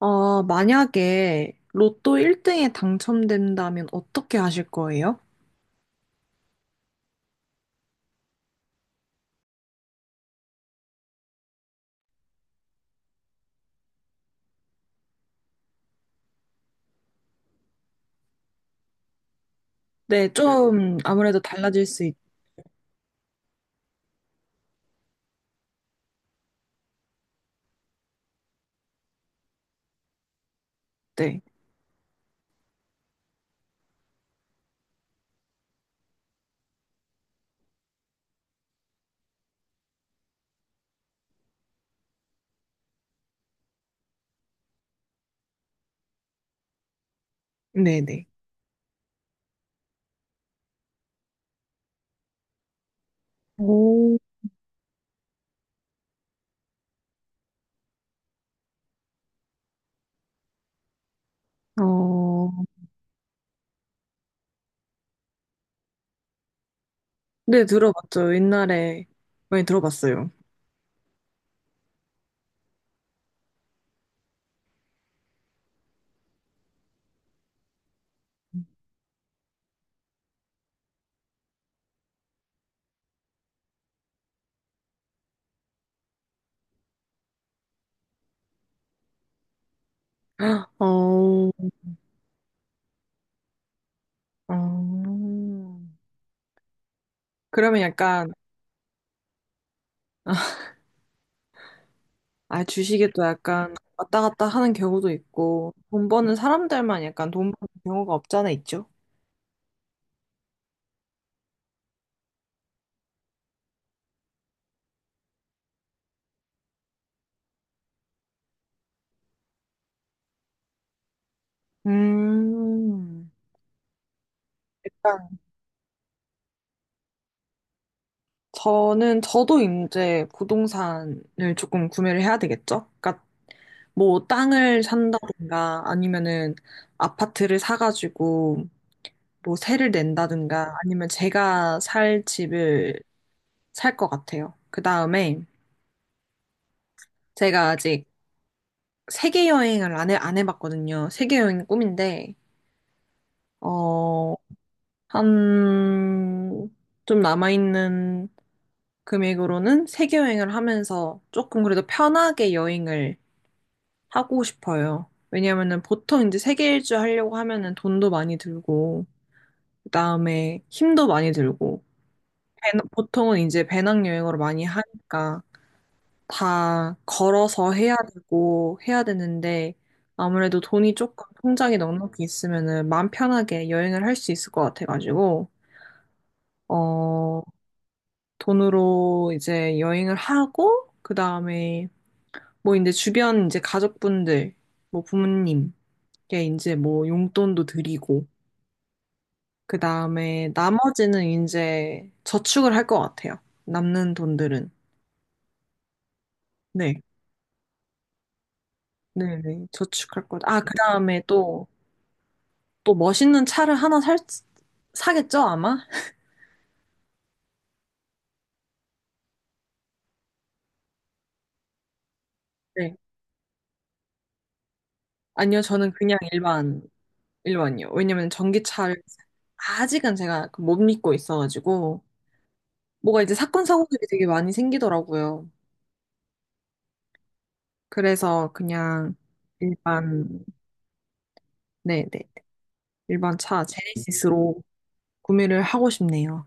아, 만약에 로또 1등에 당첨된다면 어떻게 하실 거예요? 네, 좀 아무래도 달라질 수 있대. 네네. 오, 어, 네, 들어봤죠. 옛날에 많이 들어봤어요. 어, 어, 그러면 약간, 아, 주식에 또 약간 왔다 갔다 하는 경우도 있고, 돈 버는 사람들만 약간 돈 버는 경우가 없잖아, 있죠? 음, 저는, 저도 이제 부동산을 조금 구매를 해야 되겠죠? 그러니까 뭐 땅을 산다든가 아니면은 아파트를 사가지고 뭐 세를 낸다든가 아니면 제가 살 집을 살 것 같아요. 그 다음에 제가 아직 세계 여행을 안 해봤거든요. 세계 여행이 꿈인데, 어, 한, 좀 남아있는 금액으로는 세계 여행을 하면서 조금 그래도 편하게 여행을 하고 싶어요. 왜냐면은 보통 이제 세계 일주 하려고 하면은 돈도 많이 들고, 그다음에 힘도 많이 들고, 보통은 이제 배낭여행으로 많이 하니까 다 걸어서 해야 되고 해야 되는데 아무래도 돈이 조금 통장에 넉넉히 있으면은 마음 편하게 여행을 할 수 있을 것 같아가지고, 어, 돈으로 이제 여행을 하고, 그다음에 뭐 이제 주변 이제 가족분들, 뭐 부모님, 게 이제 뭐 용돈도 드리고, 그 다음에 나머지는 이제 저축을 할 것 같아요. 남는 돈들은. 네. 네네. 저축할 것. 아, 그 다음에 또, 또 멋있는 차를 하나 살, 사겠죠, 아마? 네. 아니요, 저는 그냥 일반, 일반이요. 왜냐면 전기차를 아직은 제가 그 못 믿고 있어가지고, 뭐가 이제 사건, 사고들이 되게 많이 생기더라고요. 그래서 그냥 일반, 네네. 일반 차, 제네시스로. 구매를 하고 싶네요.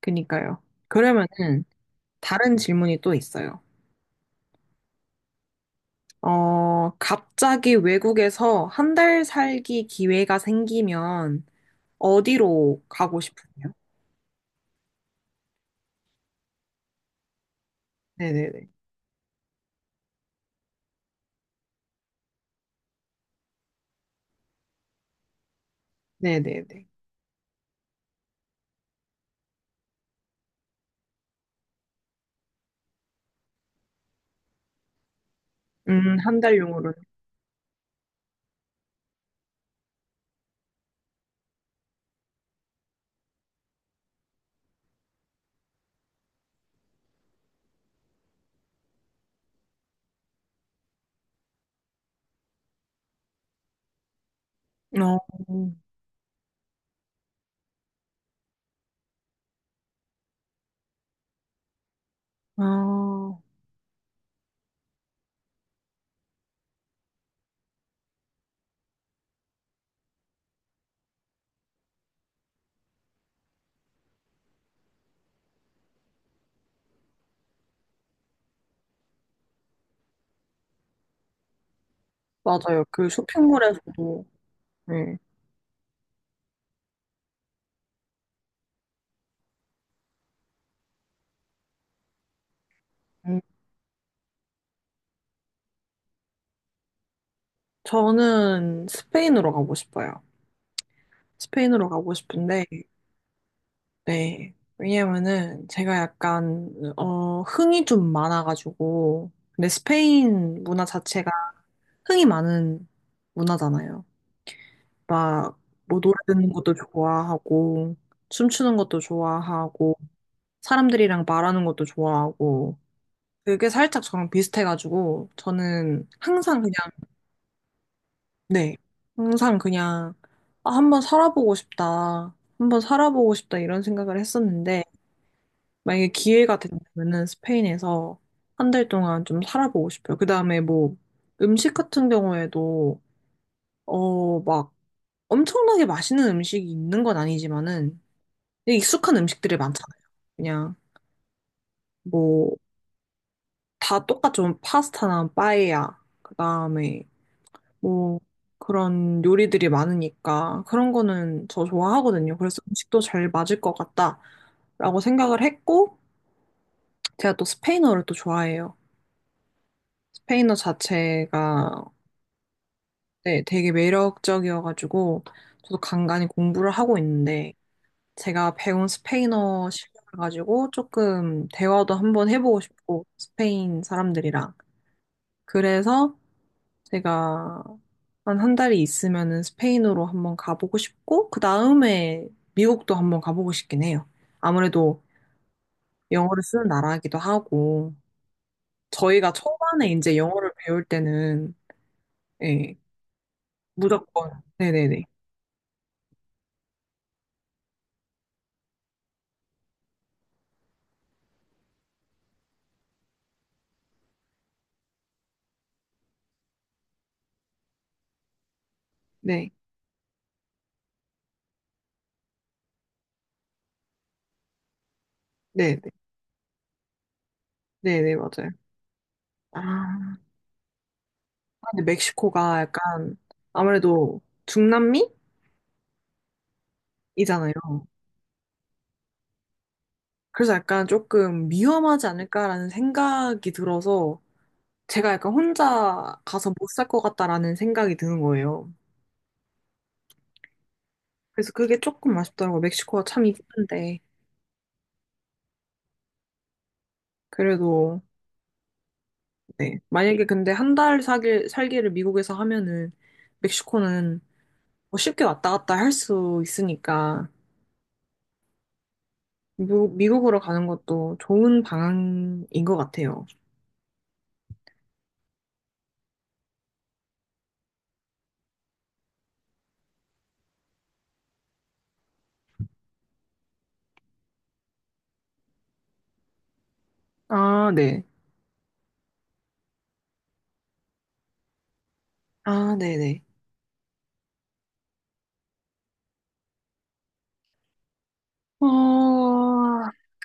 그니까요. 그러면은 다른 질문이 또 있어요. 어, 갑자기 외국에서 한 달 살기 기회가 생기면 어디로 가고 싶으세요? 네네네. 네네네. 한 달용으로는. 어, 아, 맞아요. 그 쇼핑몰에서도. 네. 음, 저는 스페인으로 가고 싶어요. 스페인으로 가고 싶은데, 네. 왜냐면은 제가 약간 흥이 좀 많아가지고 근데 스페인 문화 자체가 흥이 많은 문화잖아요. 막 뭐 노래 듣는 것도 좋아하고 춤추는 것도 좋아하고 사람들이랑 말하는 것도 좋아하고 그게 살짝 저랑 비슷해가지고 저는 항상 그냥 네 항상 그냥 아, 한번 살아보고 싶다 한번 살아보고 싶다 이런 생각을 했었는데 만약에 기회가 된다면은 스페인에서 한 달 동안 좀 살아보고 싶어요. 그 다음에 뭐 음식 같은 경우에도 막 엄청나게 맛있는 음식이 있는 건 아니지만은 되게 익숙한 음식들이 많잖아요. 그냥 뭐 다 똑같죠. 뭐 파스타나 빠에야. 그 다음에 뭐 그런 요리들이 많으니까 그런 거는 저 좋아하거든요. 그래서 음식도 잘 맞을 것 같다라고 생각을 했고 제가 또 스페인어를 또 좋아해요. 스페인어 자체가 네, 되게 매력적이어가지고 저도 간간히 공부를 하고 있는데 제가 배운 스페인어 실력을 가지고 조금 대화도 한번 해보고 싶고 스페인 사람들이랑 그래서 제가 한 달이 있으면은 스페인으로 한번 가보고 싶고 그 다음에 미국도 한번 가보고 싶긴 해요. 아무래도 영어를 쓰는 나라이기도 하고 저희가 초반에 이제 영어를 배울 때는 예, 무조건 네네네 네 네네 네네 맞아요. 아, 근데 멕시코가 약간 아무래도 중남미이잖아요. 그래서 약간 조금 위험하지 않을까라는 생각이 들어서 제가 약간 혼자 가서 못 살 것 같다라는 생각이 드는 거예요. 그래서 그게 조금 아쉽더라고요. 멕시코가 참 이쁜데. 그래도, 네. 만약에 근데 한 달 살기를 미국에서 하면은 멕시코는 뭐 쉽게 왔다 갔다 할 수 있으니까 미국, 미국으로 가는 것도 좋은 방향인 것 같아요. 아, 네. 아, 네네. 어,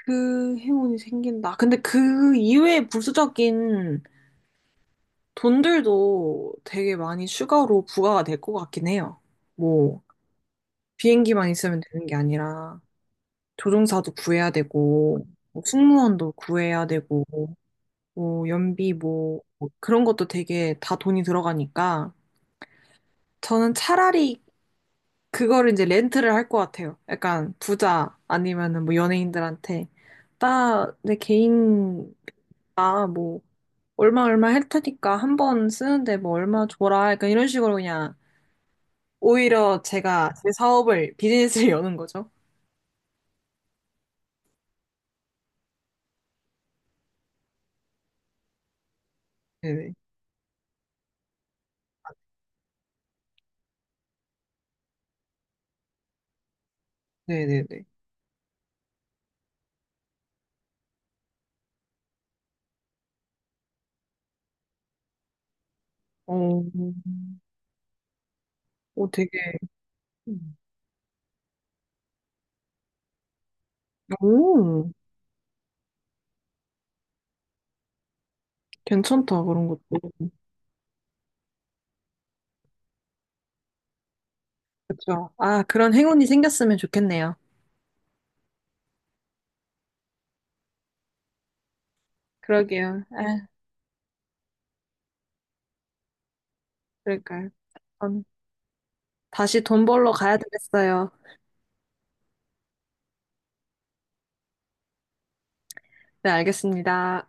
그 행운이 생긴다. 근데 그 이외의 부수적인 돈들도 되게 많이 추가로 부과가 될 것 같긴 해요. 뭐, 비행기만 있으면 되는 게 아니라, 조종사도 구해야 되고, 뭐 승무원도 구해야 되고, 연비 뭐 그런 것도 되게 다 돈이 들어가니까, 저는 차라리 그거를 이제 렌트를 할 것 같아요. 약간 부자 아니면은 뭐 연예인들한테 나 내 개인 나 뭐 얼마 얼마 할 테니까 한 번 쓰는데 뭐 얼마 줘라. 약간 이런 식으로 그냥 오히려 제가 제 사업을 비즈니스를 여는 거죠. 네네 네네네. 어, 오 되게 오 괜찮다 그런 것도 그렇죠. 아 그런 행운이 생겼으면 좋겠네요. 그러게요. 아 그러니까요. 전 다시 돈 벌러 가야 되겠어요. 네, 알겠습니다.